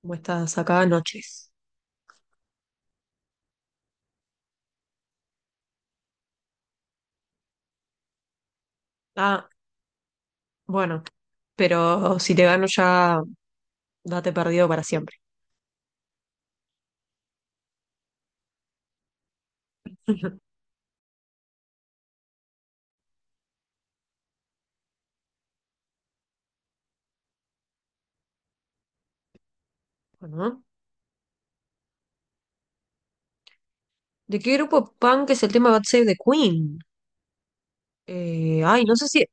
Como estas acá noches. Ah, bueno, pero si te gano ya date perdido para siempre. Bueno, ¿de qué grupo punk es el tema God Save the Queen? Ay, no sé si,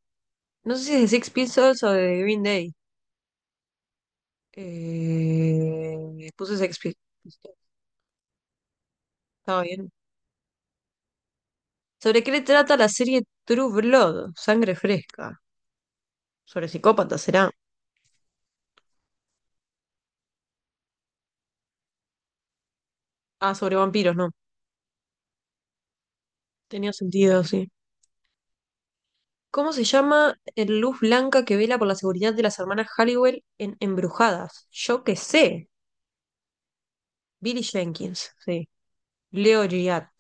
no sé si es de Six Pistols o de Green Day. Puse Sex Pistols, estaba bien. ¿Sobre qué le trata la serie True Blood? Sangre fresca. Sobre psicópatas, será. Ah, sobre vampiros, no. Tenía sentido, sí. ¿Cómo se llama el luz blanca que vela por la seguridad de las hermanas Halliwell en Embrujadas? Yo qué sé. Billy Jenkins, sí. Leo Gillard,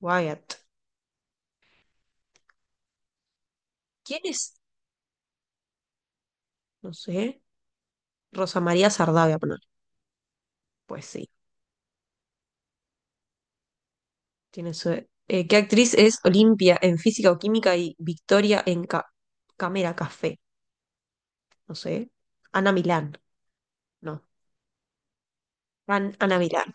Wyatt. ¿Quién es? No sé. Rosa María Sardá, voy a poner. Pues sí, tiene su. ¿Qué actriz es Olimpia en Física o Química y Victoria en Cámara Café? No sé. Ana Milán, no. Ana Milán.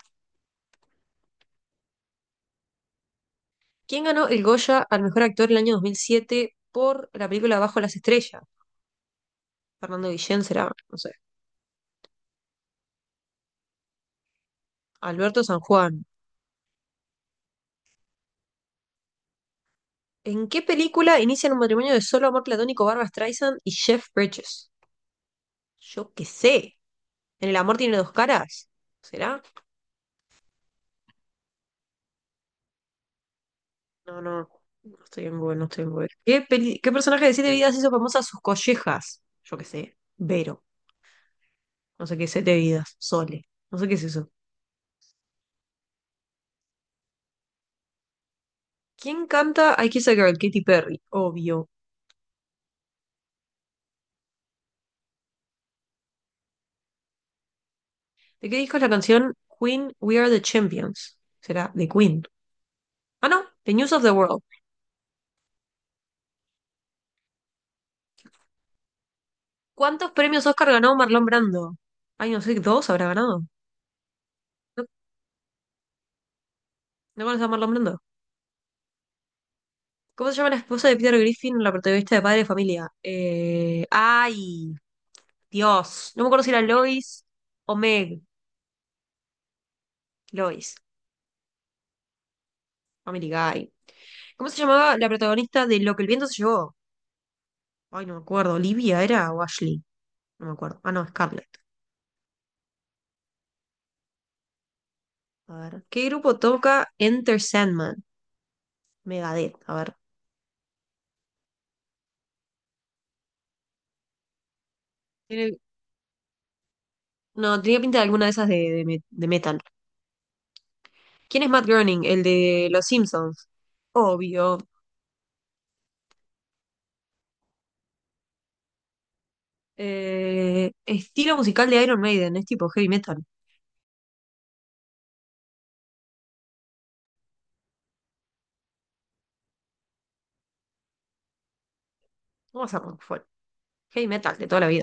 ¿Quién ganó el Goya al mejor actor el año 2007 por la película Bajo las Estrellas? Fernando Guillén será, no sé. Alberto San Juan. ¿En qué película inician un matrimonio de solo amor platónico Barbra Streisand y Jeff Bridges? Yo qué sé. ¿En el amor tiene dos caras? ¿Será? No, no. No estoy en Google, no estoy en Google. ¿Qué personaje de Siete Vidas hizo famosa sus collejas? Yo qué sé. Vero. No sé qué es Siete Vidas. Sole. No sé qué es eso. ¿Quién canta I Kiss a Girl? Katy Perry. Obvio. ¿De qué disco es la canción Queen We Are the Champions? ¿Será? De Queen. Ah, no. The News of the World. ¿Cuántos premios Oscar ganó Marlon Brando? Ay, no sé, ¿dos habrá ganado? ¿No, no conoces a Marlon Brando? ¿Cómo se llama la esposa de Peter Griffin, la protagonista de Padre de Familia? Ay, Dios. No me acuerdo si era Lois o Meg. Lois, Family Guy. ¿Cómo se llamaba la protagonista de Lo que el viento se llevó? Ay, no me acuerdo. ¿Olivia era o Ashley? No me acuerdo. Ah, no, Scarlett. A ver. ¿Qué grupo toca Enter Sandman? Megadeth. A ver. Tiene- no, tenía pinta de alguna de esas de, de metal. ¿Quién es Matt Groening? El de Los Simpsons. Obvio. Estilo musical de Iron Maiden, es tipo heavy metal. Vamos a rock folk. Heavy metal de toda la vida.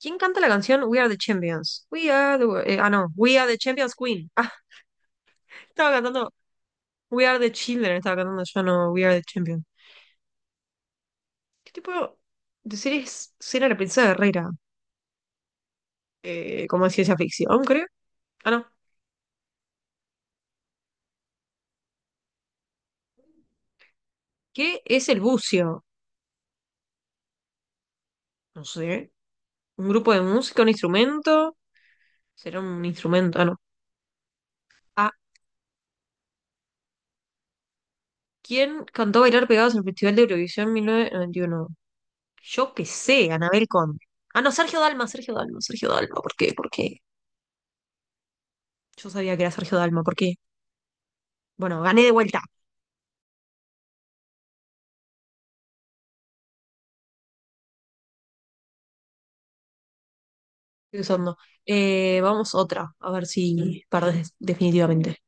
¿Quién canta la canción We Are the Champions? We are the... wor- ah, no. We Are the Champions Queen. Ah, estaba cantando We Are the Children. Estaba cantando yo, no. We Are the Champions. ¿Qué tipo de serie es Cena la Princesa Guerrera? Como de ciencia ficción, creo. Ah, no. ¿Qué es el bucio? No sé. ¿Un grupo de música? ¿Un instrumento? ¿Será un instrumento? Ah, no. ¿Quién cantó Bailar Pegados en el Festival de Eurovisión 1991? Yo qué sé, Anabel Conde. Ah, no, Sergio Dalma, Sergio Dalma, Sergio Dalma. ¿Por qué? ¿Por qué? Yo sabía que era Sergio Dalma. ¿Por qué? Bueno, gané de vuelta. Estoy usando. Vamos otra, a ver si perdés definitivamente.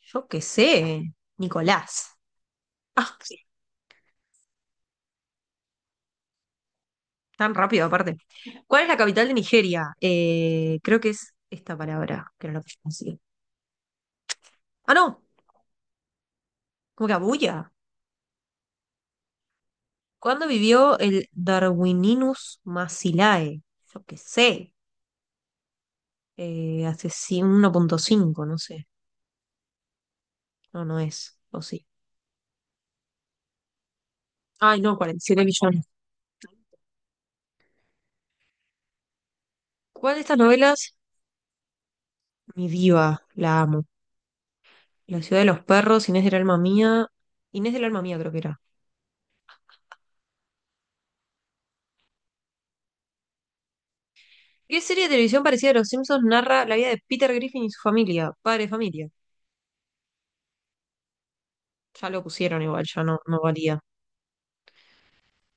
Yo qué sé, Nicolás. Ah, sí, tan rápido aparte. ¿Cuál es la capital de Nigeria? Creo que es esta palabra, que no la puse así. Ah, no, como que Abuya. ¿Cuándo vivió el Darwininus Massilae? Yo qué sé, hace 1,5, no sé. No, no es, o sí. Ay, no, 47 millones. ¿Cuál de estas novelas? Mi diva, la amo. La ciudad de los perros, Inés del alma mía. Inés del alma mía creo que era. ¿Qué serie de televisión parecida a Los Simpsons narra la vida de Peter Griffin y su familia? Padre de familia. Ya lo pusieron igual, ya no, no valía.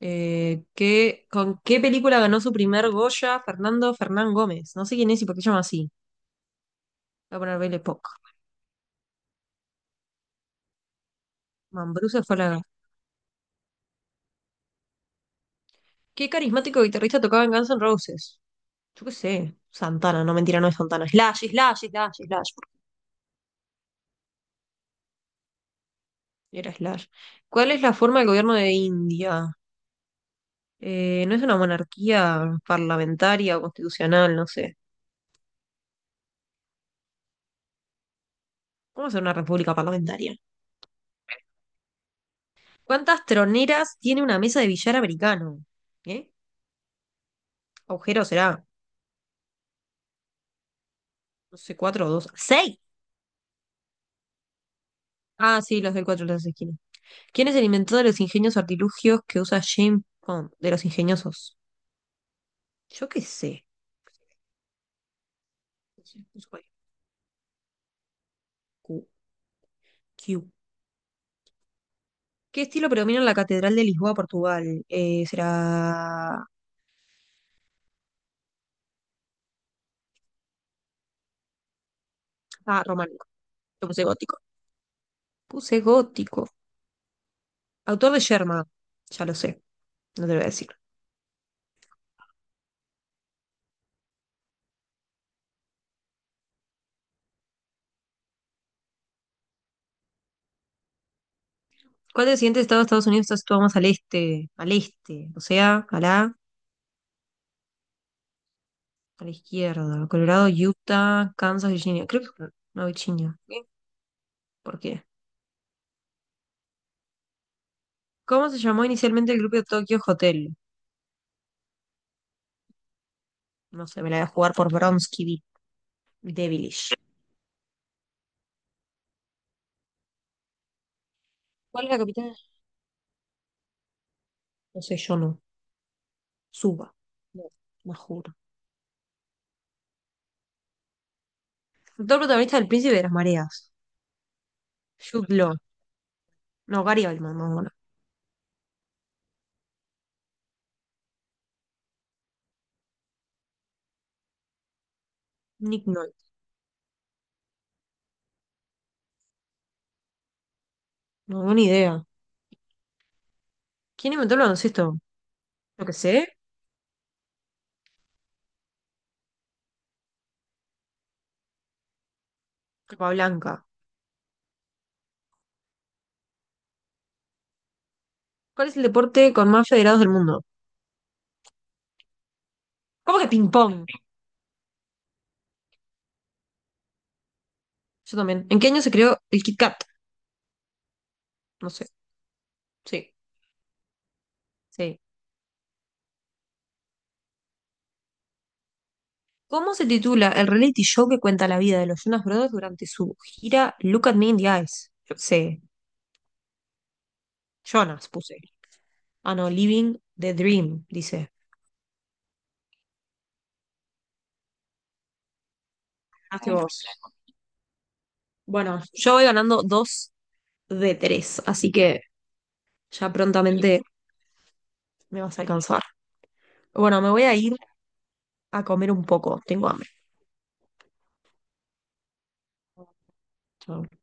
¿Con qué película ganó su primer Goya Fernando Fernán Gómez? No sé quién es y por qué se llama así. Voy a poner Baile Pop. Mambruse fue la. Qué carismático guitarrista tocaba en Guns N' Roses. Yo qué sé. Santana, no mentira, no es Santana. Slash, Slash, Slash, Slash. Era Slash. ¿Cuál es la forma del gobierno de India? No es una monarquía parlamentaria o constitucional, no sé. ¿Cómo ser una república parlamentaria? ¿Cuántas troneras tiene una mesa de billar americano? ¿Eh? ¿Agujero será? No sé, cuatro o dos. ¡Seis! Ah, sí, los del cuatro, los de las esquinas. ¿Quién es el inventor de los ingenios artilugios que usa James Bond? De los ingeniosos. Yo qué sé. Q, Q. ¿Qué estilo predomina en la Catedral de Lisboa, Portugal? Será. Ah, románico. Yo puse gótico. Puse gótico. Autor de Sherman. Ya lo sé, no te lo voy a decir. ¿Cuál del siguiente estado de Estados Unidos está situado más al este? Al este. O sea, a la izquierda. Colorado, Utah, Kansas, Virginia. Creo que es no, Virginia. ¿Qué? ¿Por qué? ¿Cómo se llamó inicialmente el grupo de Tokyo Hotel? No sé, me la voy a jugar por Bronsky Devilish. ¿Cuál es la capital? No sé, yo no. Suba. No, me juro. Actor protagonista del Príncipe de las Mareas. Jude Law. No, Gary Oldman, más bueno. Nick Nolte. No tengo ni idea. ¿Quién inventó el baloncesto? Lo que sé. Blanca. ¿Cuál es el deporte con más federados del mundo? ¿Cómo que ping-pong? Yo también. ¿En qué año se creó el Kit Kat? No sé. Sí, sí. ¿Cómo se titula el reality show que cuenta la vida de los Jonas Brothers durante su gira Look at Me in the Eyes? Yo qué sé. Jonas puse. Ah, no, Living the Dream, dice. Hazte vos. Bueno, yo voy ganando dos de tres, así que ya prontamente me vas a alcanzar. Bueno, me voy a ir a comer un poco, tengo hambre. Chau.